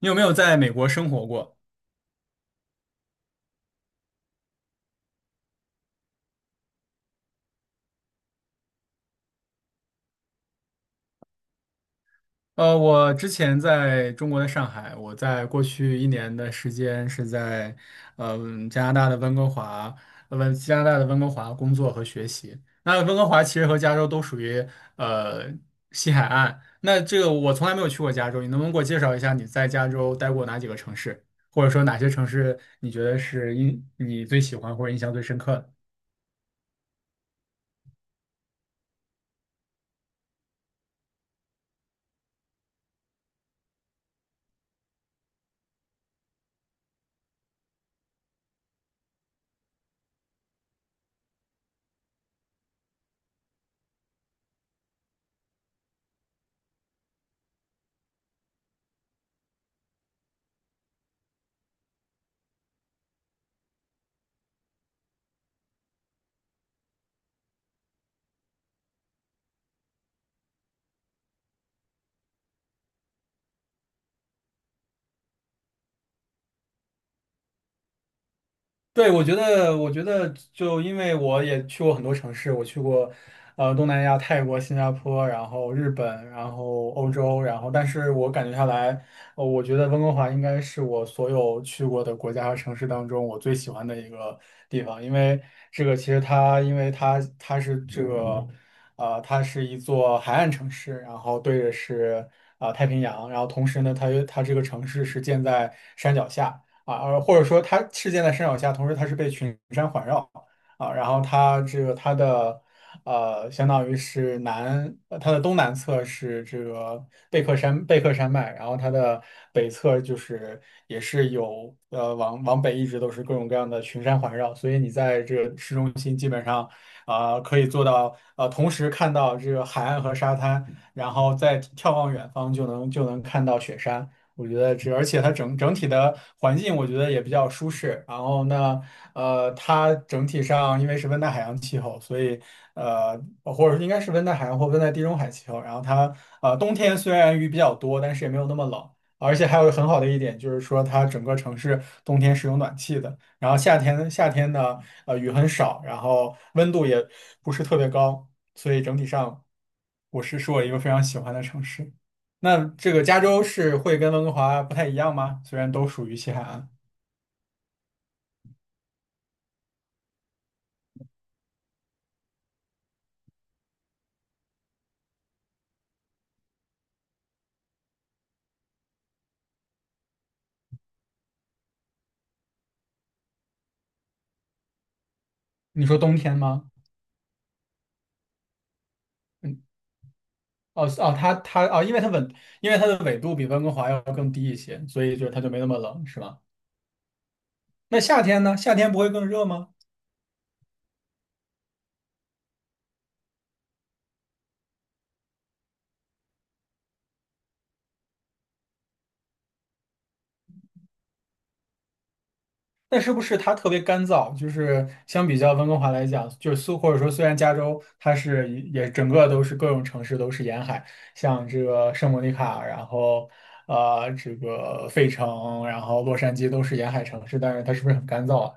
你有没有在美国生活过？我之前在中国的上海，我在过去一年的时间是在，加拿大的温哥华，加拿大的温哥华工作和学习。那温哥华其实和加州都属于呃西海岸。那这个我从来没有去过加州，你能不能给我介绍一下你在加州待过哪几个城市，或者说哪些城市你觉得是你最喜欢或者印象最深刻的？对，我觉得，就因为我也去过很多城市，我去过，东南亚、泰国、新加坡，然后日本，然后欧洲，然后，但是我感觉下来，我觉得温哥华应该是我所有去过的国家和城市当中我最喜欢的一个地方，因为这个其实它，因为它它是这个，呃，它是一座海岸城市，然后对着是太平洋，然后同时呢，它这个城市是建在山脚下。或者说它事件的山脚下，同时它是被群山环绕然后它这个它的相当于是它的东南侧是这个贝克山脉，然后它的北侧就是也是有往北一直都是各种各样的群山环绕，所以你在这个市中心基本上可以做到同时看到这个海岸和沙滩，然后再眺望远方就能看到雪山。我觉得这，而且它整体的环境，我觉得也比较舒适。然后呢，它整体上因为是温带海洋气候，所以呃，或者应该是温带海洋或温带地中海气候。然后它冬天虽然雨比较多，但是也没有那么冷。而且还有很好的一点就是说，它整个城市冬天是有暖气的。然后夏天呢，雨很少，然后温度也不是特别高，所以整体上我是是我一个非常喜欢的城市。那这个加州是会跟温哥华不太一样吗？虽然都属于西海岸，你说冬天吗？嗯，哦哦，它它哦，因为它的纬度比温哥华要更低一些，所以就它就没那么冷，是吗？那夏天呢？夏天不会更热吗？那是不是它特别干燥？就是相比较温哥华来讲，就是苏或者说虽然加州它是也整个都是各种城市都是沿海，像这个圣莫尼卡，然后这个费城，然后洛杉矶都是沿海城市，但是它是不是很干燥啊？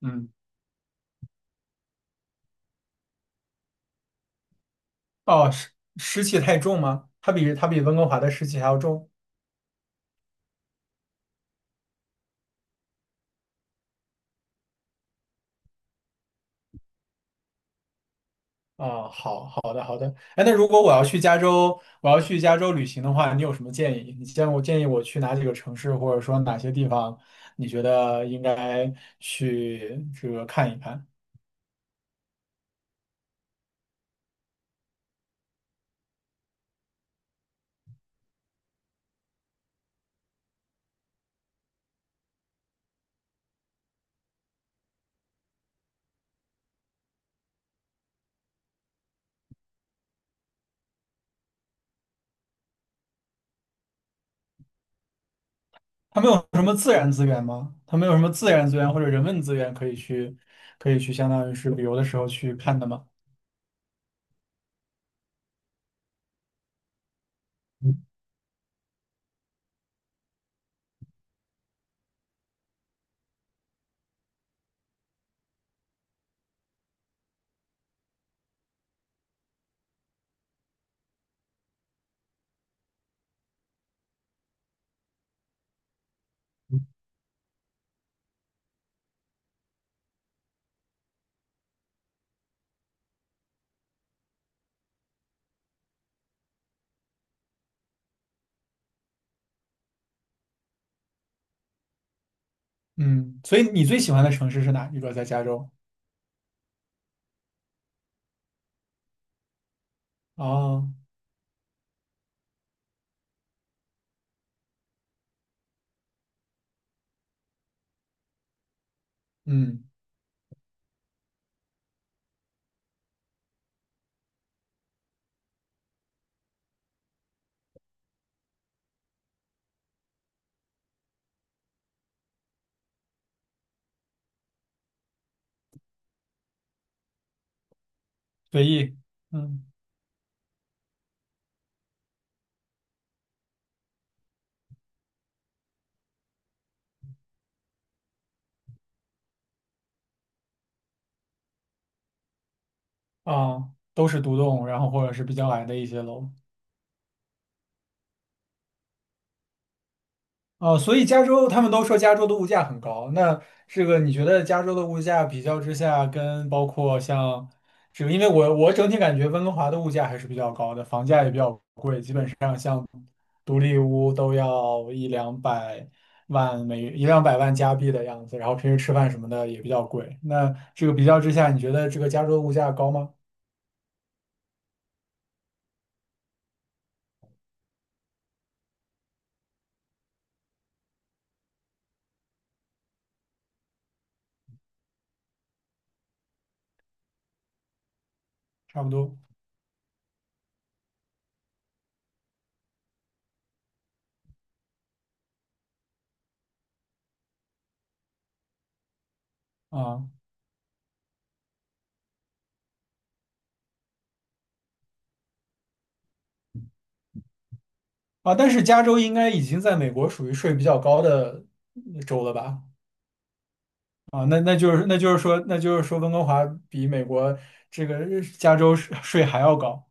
嗯，哦，湿气太重吗？它比温哥华的湿气还要重。哦，好的。哎，那如果我要去加州，我要去加州旅行的话，你有什么建议？我建议我去哪几个城市，或者说哪些地方，你觉得应该去这个看一看？他们有什么自然资源吗？他们有什么自然资源或者人文资源可以去相当于是旅游的时候去看的吗？嗯，所以你最喜欢的城市是哪一个？在加州？哦，嗯，随意。嗯。啊，都是独栋，然后或者是比较矮的一些楼。哦，所以加州他们都说加州的物价很高，那这个你觉得加州的物价比较之下，跟包括像这个，因为我整体感觉温哥华的物价还是比较高的，房价也比较贵，就独立屋都要一两百万加币的样子，然后平时吃饭什么的也比较贵。那这个比较之下，你觉得这个加州的物价高吗？差不多啊。啊，但是加州应该已经在美国属于税比较高的州了吧？啊，那就是说温哥华比美国这个加州税还要高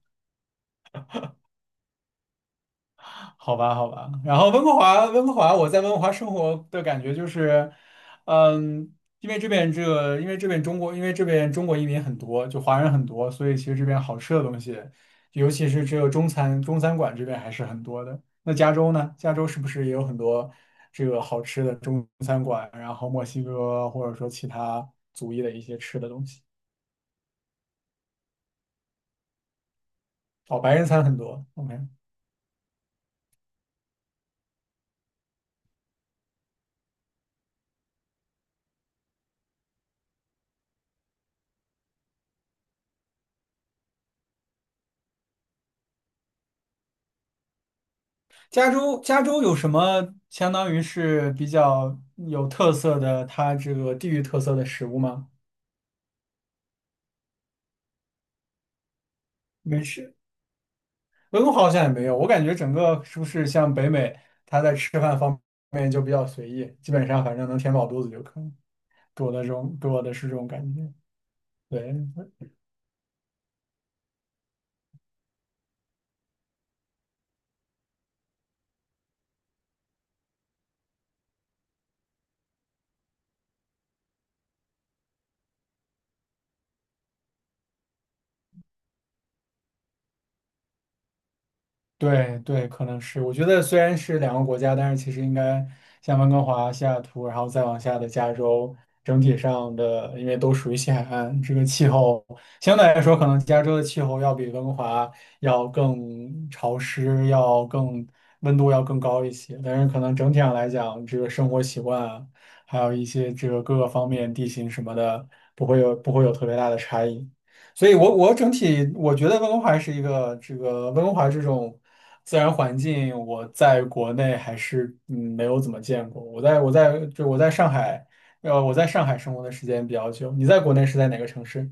好吧，好吧。然后温哥华，我在温哥华生活的感觉就是，嗯，因为这边这个，因为这边中国，因为这边中国移民很多，就华人很多，所以其实这边好吃的东西，尤其是这个中餐馆这边还是很多的。那加州呢？加州是不是也有很多这个好吃的中餐馆？然后墨西哥或者说其他族裔的一些吃的东西？哦，白人餐很多。OK。加州有什么相当于是比较有特色的，它这个地域特色的食物吗？没吃，温哥华好像也没有。我感觉整个是不是像北美，它在吃饭方面就比较随意，基本上反正能填饱肚子就可以，给我的是这种感觉。对，对对，可能是。我觉得虽然是两个国家，但是其实应该像温哥华、西雅图，然后再往下的加州，整体上的因为都属于西海岸，这个气候相对来说，可能加州的气候要比温哥华要更潮湿，要更温度要更高一些。但是可能整体上来讲，这个生活习惯啊，还有一些这个各个方面地形什么的，不会有特别大的差异。所以我整体我觉得温哥华是一个这个温哥华这种自然环境，我在国内还是没有怎么见过。我在上海，我在上海生活的时间比较久。你在国内是在哪个城市？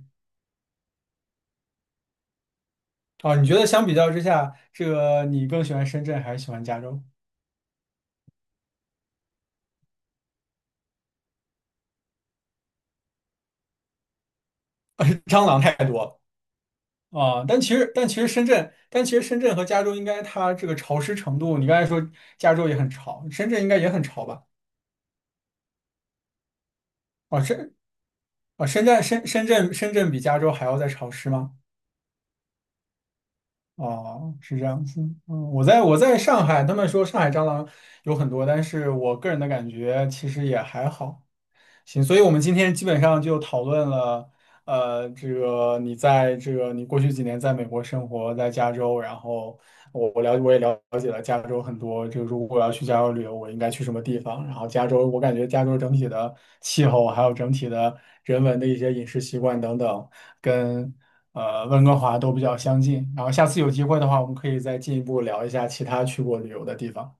啊，你觉得相比较之下，这个你更喜欢深圳还是喜欢加州？蟑螂太多了啊！但其实深圳和加州应该它这个潮湿程度，你刚才说加州也很潮，深圳应该也很潮吧？啊，深啊，深圳比加州还要再潮湿吗？哦，是这样子。嗯，我在上海，他们说上海蟑螂有很多，但是我个人的感觉其实也还好。行，所以我们今天基本上就讨论了，你过去几年在美国生活，在加州，然后我也了解了加州很多，就如果我要去加州旅游，我应该去什么地方？然后加州，我感觉加州整体的气候，还有整体的人文的一些饮食习惯等等，跟温哥华都比较相近。然后下次有机会的话，我们可以再进一步聊一下其他去过旅游的地方。